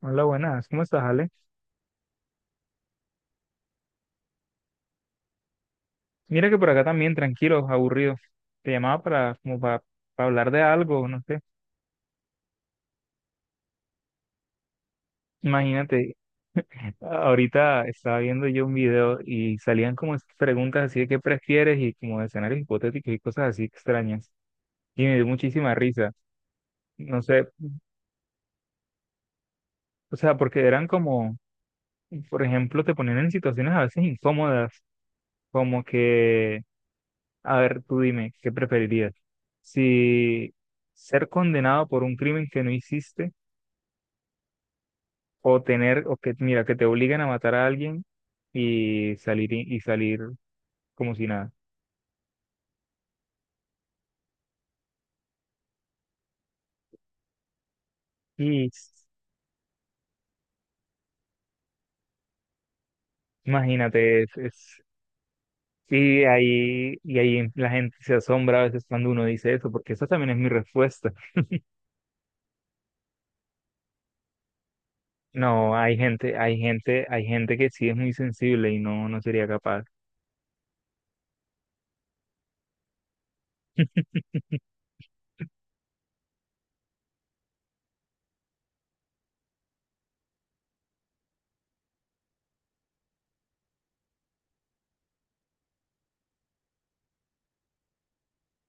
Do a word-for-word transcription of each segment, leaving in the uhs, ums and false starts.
Hola, buenas. ¿Cómo estás, Ale? Mira que por acá también, tranquilo, aburrido. Te llamaba para, como para, para hablar de algo, no sé. Imagínate, ahorita estaba viendo yo un video y salían como esas preguntas así de qué prefieres y como de escenarios hipotéticos y cosas así extrañas. Y me dio muchísima risa. No sé, o sea, porque eran como, por ejemplo, te ponían en situaciones a veces incómodas, como que, a ver, tú dime, ¿qué preferirías? Si ser condenado por un crimen que no hiciste, O tener, o que, mira, que te obliguen a matar a alguien y salir, y, y salir como si nada. Y s- imagínate, es, es- y ahí, y ahí la gente se asombra a veces cuando uno dice eso, porque esa también es mi respuesta. No, hay gente, hay gente, hay gente que sí es muy sensible y no, no sería capaz.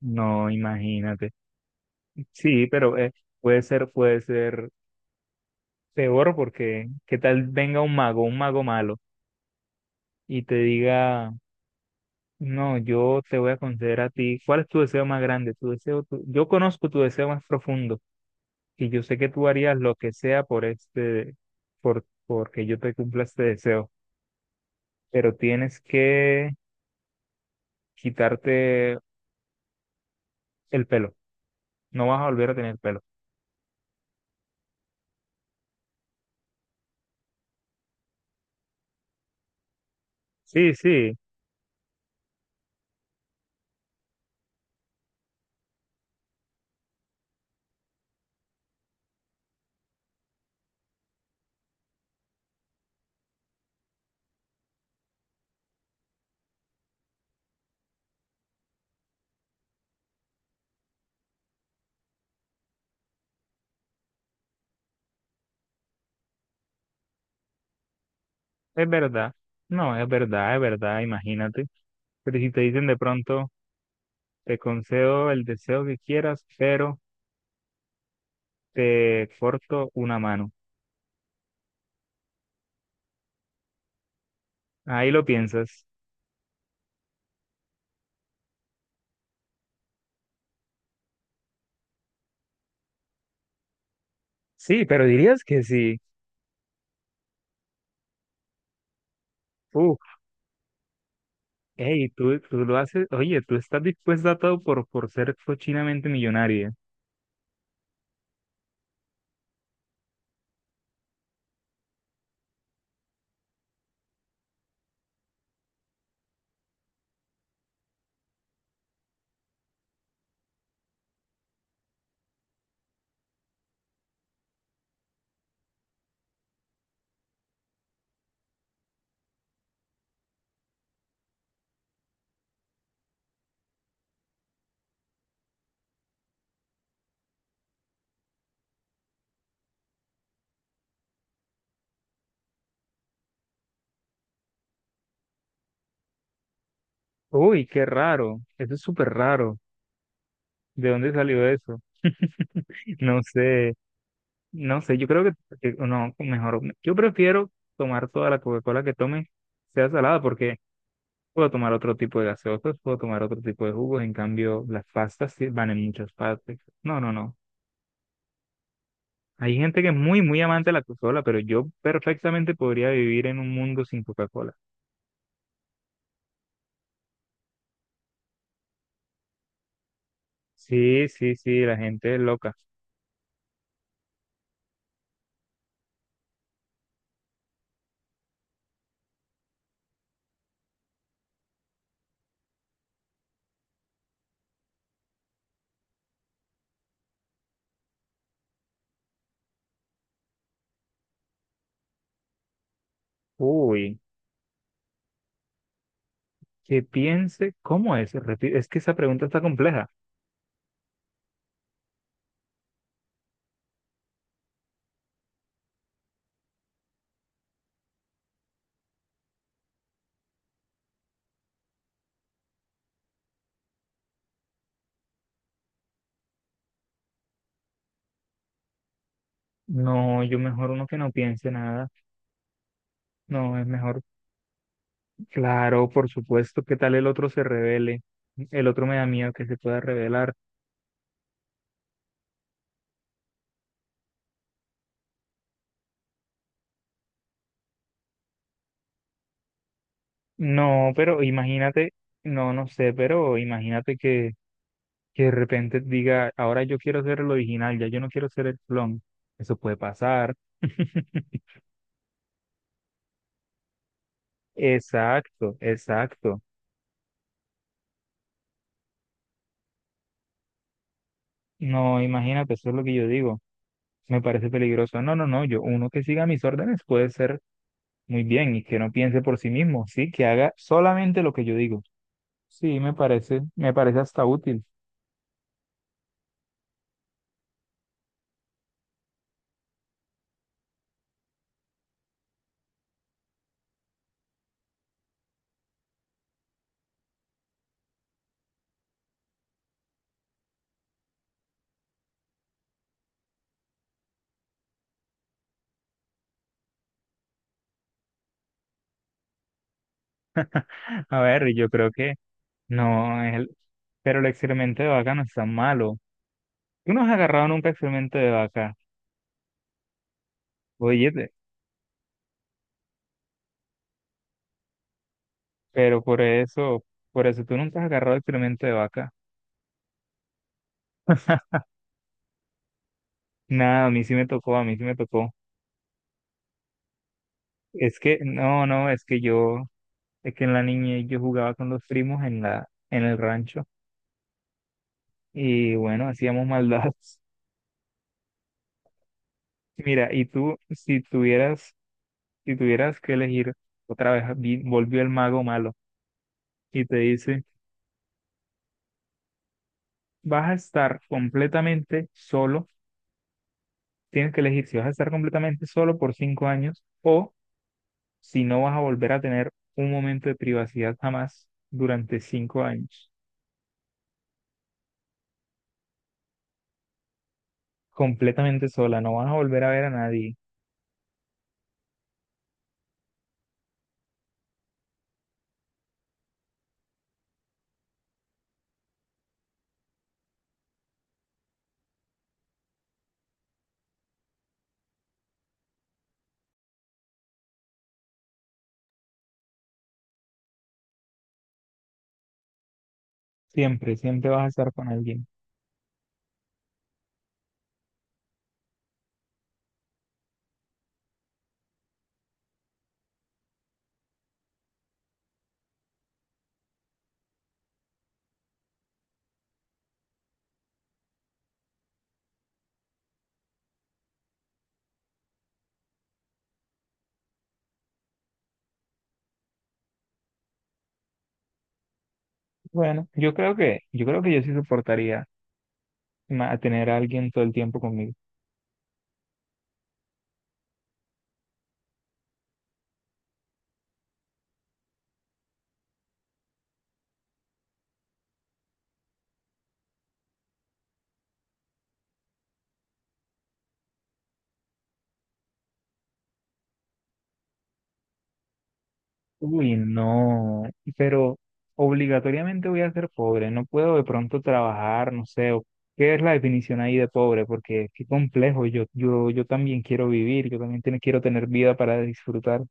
No, imagínate. Sí, pero eh, puede ser, puede ser peor porque ¿qué tal venga un mago, un mago malo y te diga: "No, yo te voy a conceder a ti. ¿Cuál es tu deseo más grande? Tu deseo, tu- Yo conozco tu deseo más profundo y yo sé que tú harías lo que sea por este, por, porque yo te cumpla este deseo. Pero tienes que quitarte el pelo. No vas a volver a tener pelo." Sí, sí, es verdad. No, es verdad, es verdad. Imagínate. Pero si te dicen de pronto, te concedo el deseo que quieras, pero te corto una mano. Ahí lo piensas. Sí, pero dirías que sí. Uf, hey, tú, tú lo haces, oye, tú estás dispuesta a todo por, por ser cochinamente millonaria. Uy, qué raro, eso es súper raro. ¿De dónde salió eso? No sé, no sé, yo creo que, que- no, mejor, yo prefiero tomar toda la Coca-Cola que tome, sea salada, porque puedo tomar otro tipo de gaseosas, puedo tomar otro tipo de jugos, en cambio las pastas sí van en muchas partes. No, no, no. Hay gente que es muy, muy amante de la Coca-Cola, pero yo perfectamente podría vivir en un mundo sin Coca-Cola. Sí, sí, sí, la gente es loca. Uy, que piense, ¿cómo es? Repi- Es que esa pregunta está compleja. No, yo mejor uno que no piense nada. No, es mejor, claro, por supuesto, ¿qué tal el otro se revele? El otro me da miedo que se pueda revelar. No, pero imagínate, no, no sé, pero imagínate que, que de repente diga: "Ahora yo quiero ser el original, ya yo no quiero ser el clon." Eso puede pasar. Exacto, exacto. No, imagínate, eso es lo que yo digo. Me parece peligroso. No, no, no, yo, uno que siga mis órdenes puede ser muy bien y que no piense por sí mismo, sí, que haga solamente lo que yo digo. Sí, me parece, me parece hasta útil. A ver, yo creo que no, el- pero el experimento de vaca no es tan malo. Tú no has agarrado nunca experimento de vaca, oye, pero por eso, por eso tú nunca has agarrado experimento de vaca. Nada, a mí sí me tocó, a mí sí me tocó. Es que, no, no, es que yo, es que en la niñez yo jugaba con los primos en la, en el rancho. Y bueno, hacíamos maldades. Mira, y tú, si tuvieras, si tuvieras, que elegir, otra vez vi- volvió el mago malo y te dice: "Vas a estar completamente solo, tienes que elegir si vas a estar completamente solo por cinco años o si no vas a volver a tener un momento de privacidad jamás durante cinco años, completamente sola, no vas a volver a ver a nadie, siempre, siempre vas a estar con alguien." Bueno, yo creo que, yo creo que yo sí soportaría ma- tener a alguien todo el tiempo conmigo. Uy, no, pero obligatoriamente voy a ser pobre, no puedo de pronto trabajar, no sé, o- ¿qué es la definición ahí de pobre? Porque qué complejo, yo, yo, yo también quiero vivir, yo también tiene- quiero tener vida para disfrutar.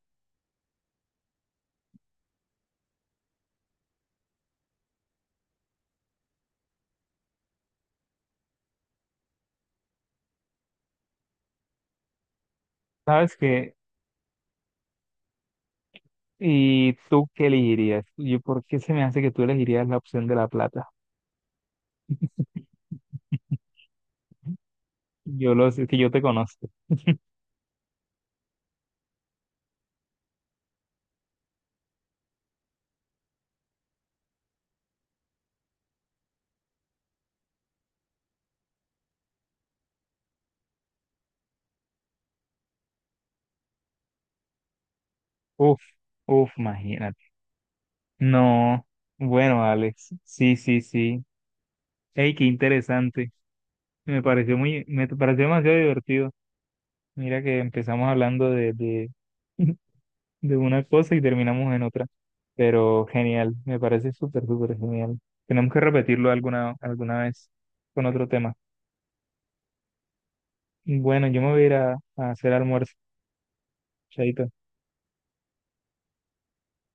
¿Sabes qué? ¿Y tú qué elegirías? Yo, ¿por qué se me hace que tú elegirías la opción de la plata? Yo lo sé, que yo te conozco. Uf, uf, imagínate. No, bueno, Alex, sí, sí, sí. Ey, qué interesante. Me pareció muy, me pareció demasiado divertido. Mira que empezamos hablando de, de, de una cosa y terminamos en otra, pero genial, me parece súper, súper genial. Tenemos que repetirlo alguna, alguna vez con otro tema. Bueno, yo me voy a ir a, a hacer almuerzo, chaito.